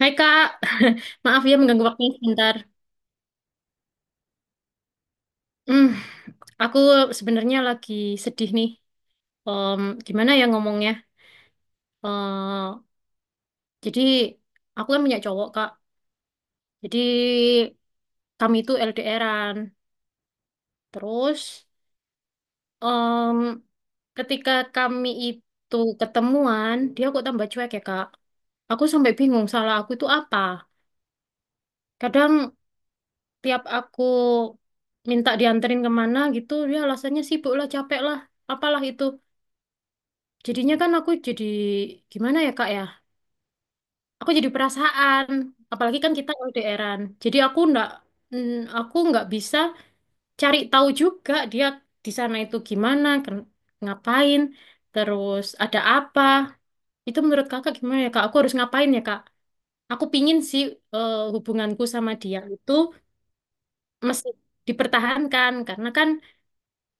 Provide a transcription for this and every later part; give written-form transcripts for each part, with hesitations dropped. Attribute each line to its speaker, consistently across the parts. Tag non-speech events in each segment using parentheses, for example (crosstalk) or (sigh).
Speaker 1: Hai Kak, (laughs) maaf ya mengganggu waktunya sebentar. Hmm, aku sebenarnya lagi sedih nih. Gimana ya ngomongnya? Eh, jadi aku kan punya cowok Kak. Jadi kami itu LDRan. Terus em, ketika kami itu ketemuan, dia kok tambah cuek ya Kak. Aku sampai bingung salah aku itu apa. Kadang tiap aku minta dianterin kemana gitu, dia alasannya sibuk lah, capek lah, apalah itu. Jadinya kan aku jadi gimana ya Kak ya? Aku jadi perasaan, apalagi kan kita LDRan. Jadi aku ndak mm, aku nggak bisa cari tahu juga dia di sana itu gimana, ngapain, terus ada apa. Itu menurut Kakak gimana ya Kak? Aku harus ngapain ya Kak? Aku pingin sih hubunganku sama dia itu mesti dipertahankan karena kan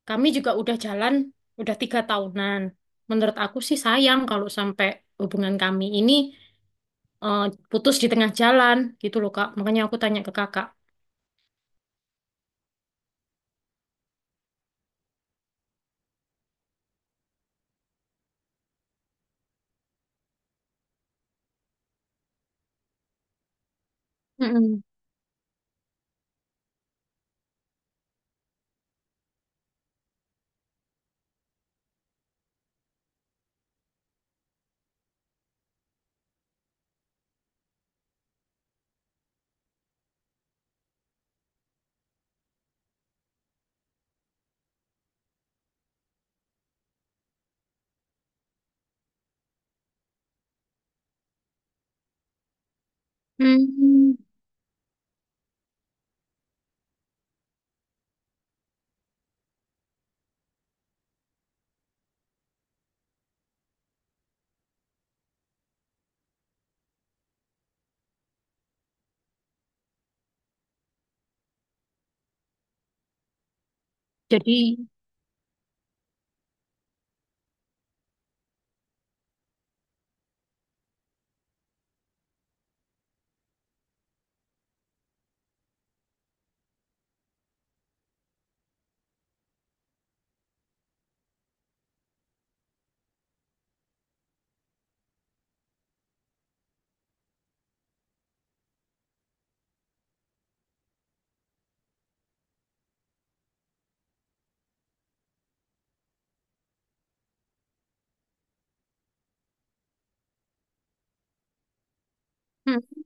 Speaker 1: kami juga udah jalan udah 3 tahunan. Menurut aku sih sayang kalau sampai hubungan kami ini eh, putus di tengah jalan gitu loh Kak. Makanya aku tanya ke Kakak. Mm-mm. Hmm. Jadi. Hmm.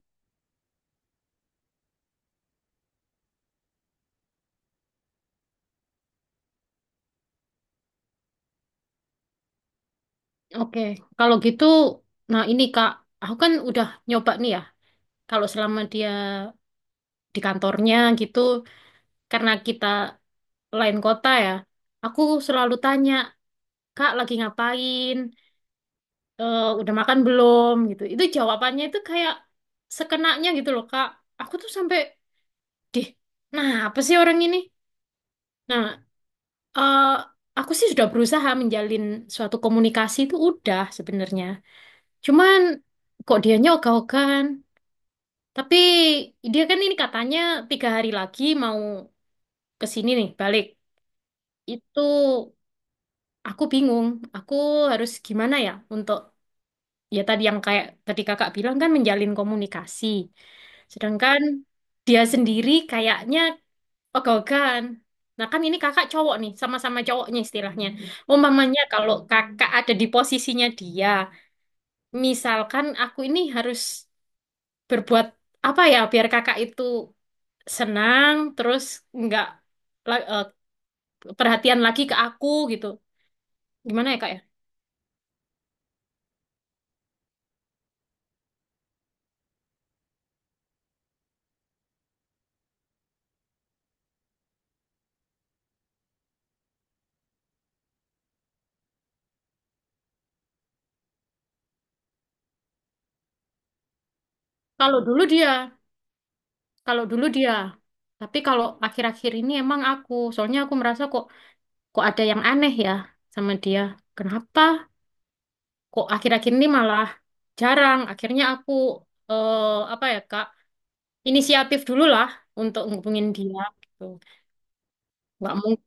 Speaker 1: Oke. Kalau gitu, nah ini Kak, aku kan udah nyoba nih ya. Kalau selama dia di kantornya gitu, karena kita lain kota ya, aku selalu tanya, Kak lagi ngapain? Eh, udah makan belum? Gitu. Itu jawabannya itu kayak sekenanya gitu loh Kak. Aku tuh sampai, deh, nah apa sih orang ini? Nah. Eh, aku sih sudah berusaha menjalin suatu komunikasi itu udah sebenarnya. Cuman kok dianya ogah-ogahan. Tapi dia kan ini katanya 3 hari lagi mau ke sini nih balik. Itu aku bingung. Aku harus gimana ya untuk ya tadi yang kayak tadi kakak bilang kan menjalin komunikasi. Sedangkan dia sendiri kayaknya. Oh, Gogan. Nah, kan ini kakak cowok nih, sama-sama cowoknya istilahnya. Umpamanya kalau kakak ada di posisinya dia, misalkan aku ini harus berbuat apa ya biar kakak itu senang, terus nggak la- eh, perhatian lagi ke aku gitu. Gimana ya kak ya? Kalau dulu dia, Kalau dulu dia. Tapi kalau akhir-akhir ini emang aku, soalnya aku merasa kok kok ada yang aneh ya sama dia. Kenapa? Kok akhir-akhir ini malah jarang. Akhirnya aku eh, apa ya Kak, inisiatif dulu lah untuk ngubungin dia gitu. Nggak mungkin.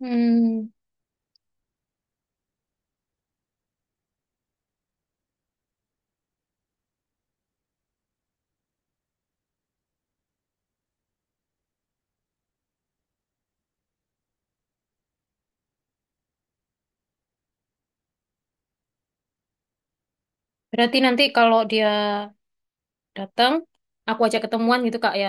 Speaker 1: Hmm, Berarti nanti kalau dia datang, aku ajak ketemuan gitu Kak ya.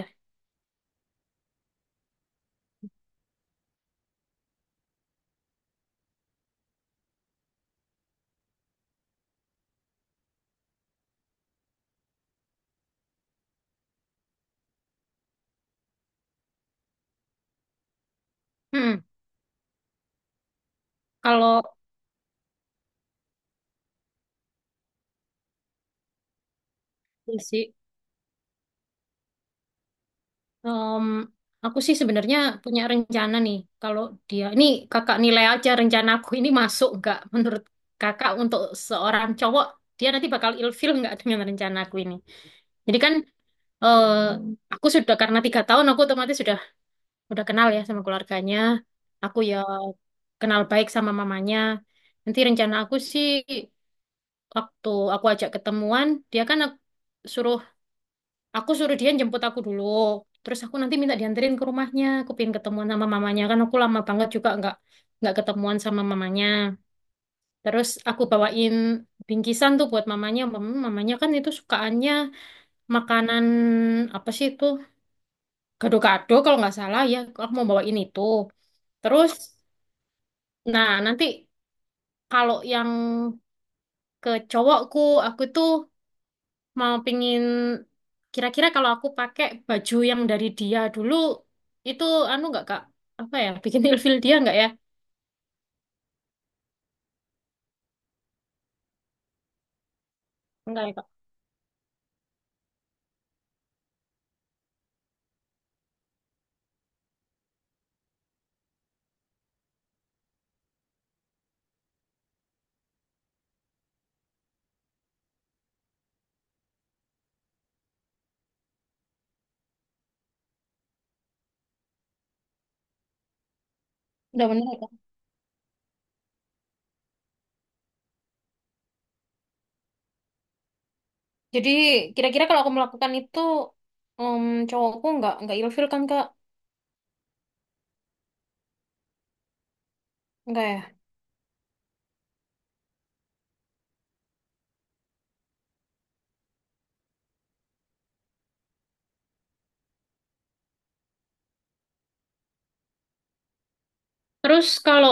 Speaker 1: Hmm. Kalau ya sih, em, aku sih sebenarnya punya rencana nih. Kalau dia, ini Kakak nilai aja rencana aku ini masuk nggak menurut Kakak untuk seorang cowok dia nanti bakal ilfil nggak dengan rencana aku ini. Jadi kan eh aku sudah karena 3 tahun aku otomatis udah kenal ya sama keluarganya. Aku ya kenal baik sama mamanya. Nanti rencana aku sih waktu aku ajak ketemuan, dia kan suruh aku suruh dia jemput aku dulu. Terus aku nanti minta dianterin ke rumahnya. Aku pengen ketemuan sama mamanya kan aku lama banget juga nggak ketemuan sama mamanya. Terus aku bawain bingkisan tuh buat mamanya. Mamanya kan itu sukaannya makanan apa sih itu gado-gado kalau nggak salah ya, aku mau bawa ini tuh. Terus nah nanti kalau yang ke cowokku, aku tuh mau pingin kira-kira kalau aku pakai baju yang dari dia dulu, itu anu nggak kak, apa ya, bikin ilfil dia nggak ya? Enggak ya kak? Udah bener ya, kak? Jadi kira-kira kalau aku melakukan itu, em cowokku nggak ilfil kan kak? Enggak ya? Terus kalau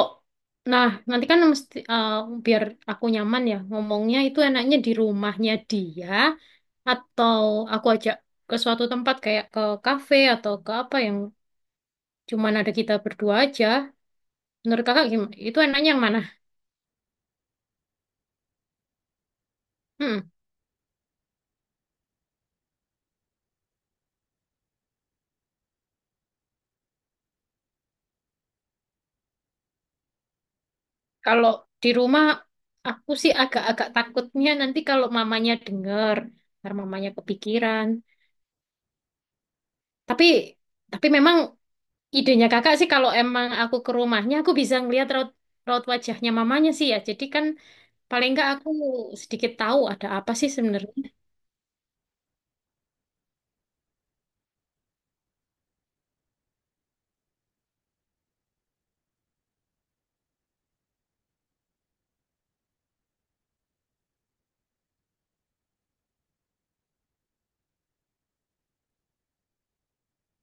Speaker 1: nah nanti kan mesti biar aku nyaman ya ngomongnya, itu enaknya di rumahnya dia atau aku ajak ke suatu tempat kayak ke kafe atau ke apa yang cuman ada kita berdua aja. Menurut kakak gimana? Itu enaknya yang mana? Hmm, Kalau di rumah aku sih agak-agak takutnya nanti kalau mamanya denger, ntar mamanya kepikiran. Tapi memang Idenya kakak sih kalau emang aku ke rumahnya aku bisa ngelihat raut raut wajahnya mamanya sih ya. Jadi kan paling nggak aku sedikit tahu ada apa sih sebenarnya.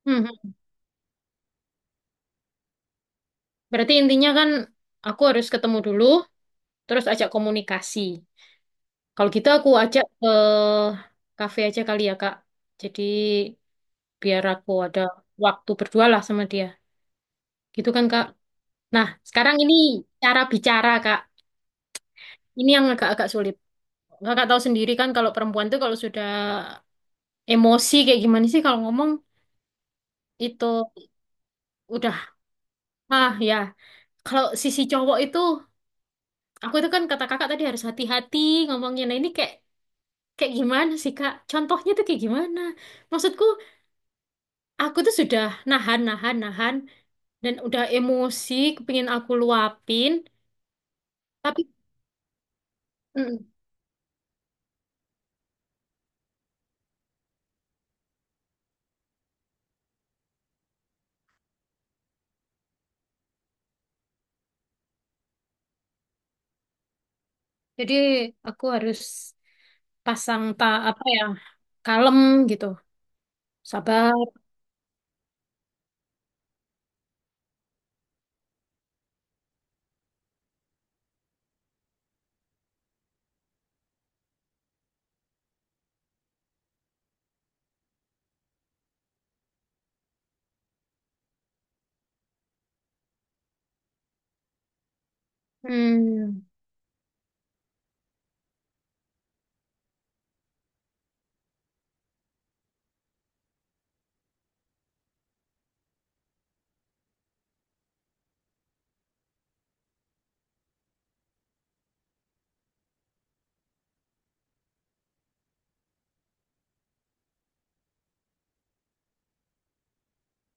Speaker 1: Hmm, Berarti intinya kan aku harus ketemu dulu, terus ajak komunikasi. Kalau gitu aku ajak ke kafe aja kali ya kak. Jadi biar aku ada waktu berdua lah sama dia. Gitu kan kak. Nah sekarang ini cara bicara kak. Ini yang agak-agak sulit. Kakak tahu sendiri kan kalau perempuan tuh kalau sudah emosi kayak gimana sih kalau ngomong itu udah ah ya, kalau sisi cowok itu aku itu kan kata kakak tadi harus hati-hati ngomongnya. Nah ini kayak kayak gimana sih kak, contohnya tuh kayak gimana, maksudku aku tuh sudah nahan nahan nahan dan udah emosi pengen aku luapin tapi mm, jadi aku harus pasang tak apa ya, kalem gitu, sabar. hmm.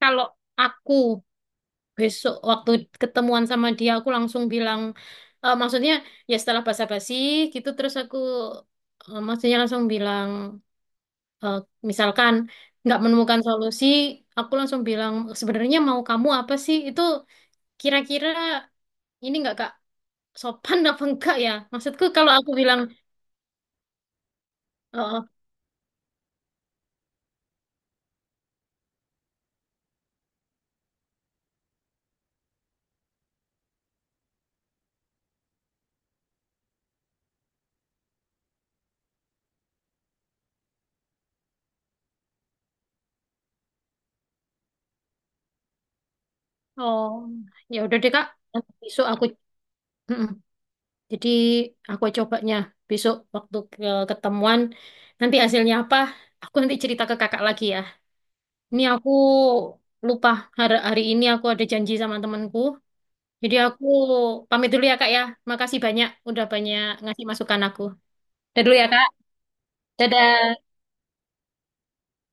Speaker 1: Kalau aku besok waktu ketemuan sama dia aku langsung bilang, maksudnya ya setelah basa-basi gitu terus aku maksudnya langsung bilang, eh, misalkan nggak menemukan solusi aku langsung bilang sebenarnya mau kamu apa sih itu, kira-kira ini nggak kak, sopan apa enggak ya maksudku kalau aku bilang eh, oh ya udah deh kak, nanti besok aku jadi aku cobanya besok waktu ke ketemuan. Nanti hasilnya apa? Aku nanti cerita ke kakak lagi ya. Ini aku lupa hari, hari ini aku ada janji sama temanku. Jadi aku pamit dulu ya kak ya. Makasih banyak udah banyak ngasih masukan aku. Dadah dulu ya kak. Dadah.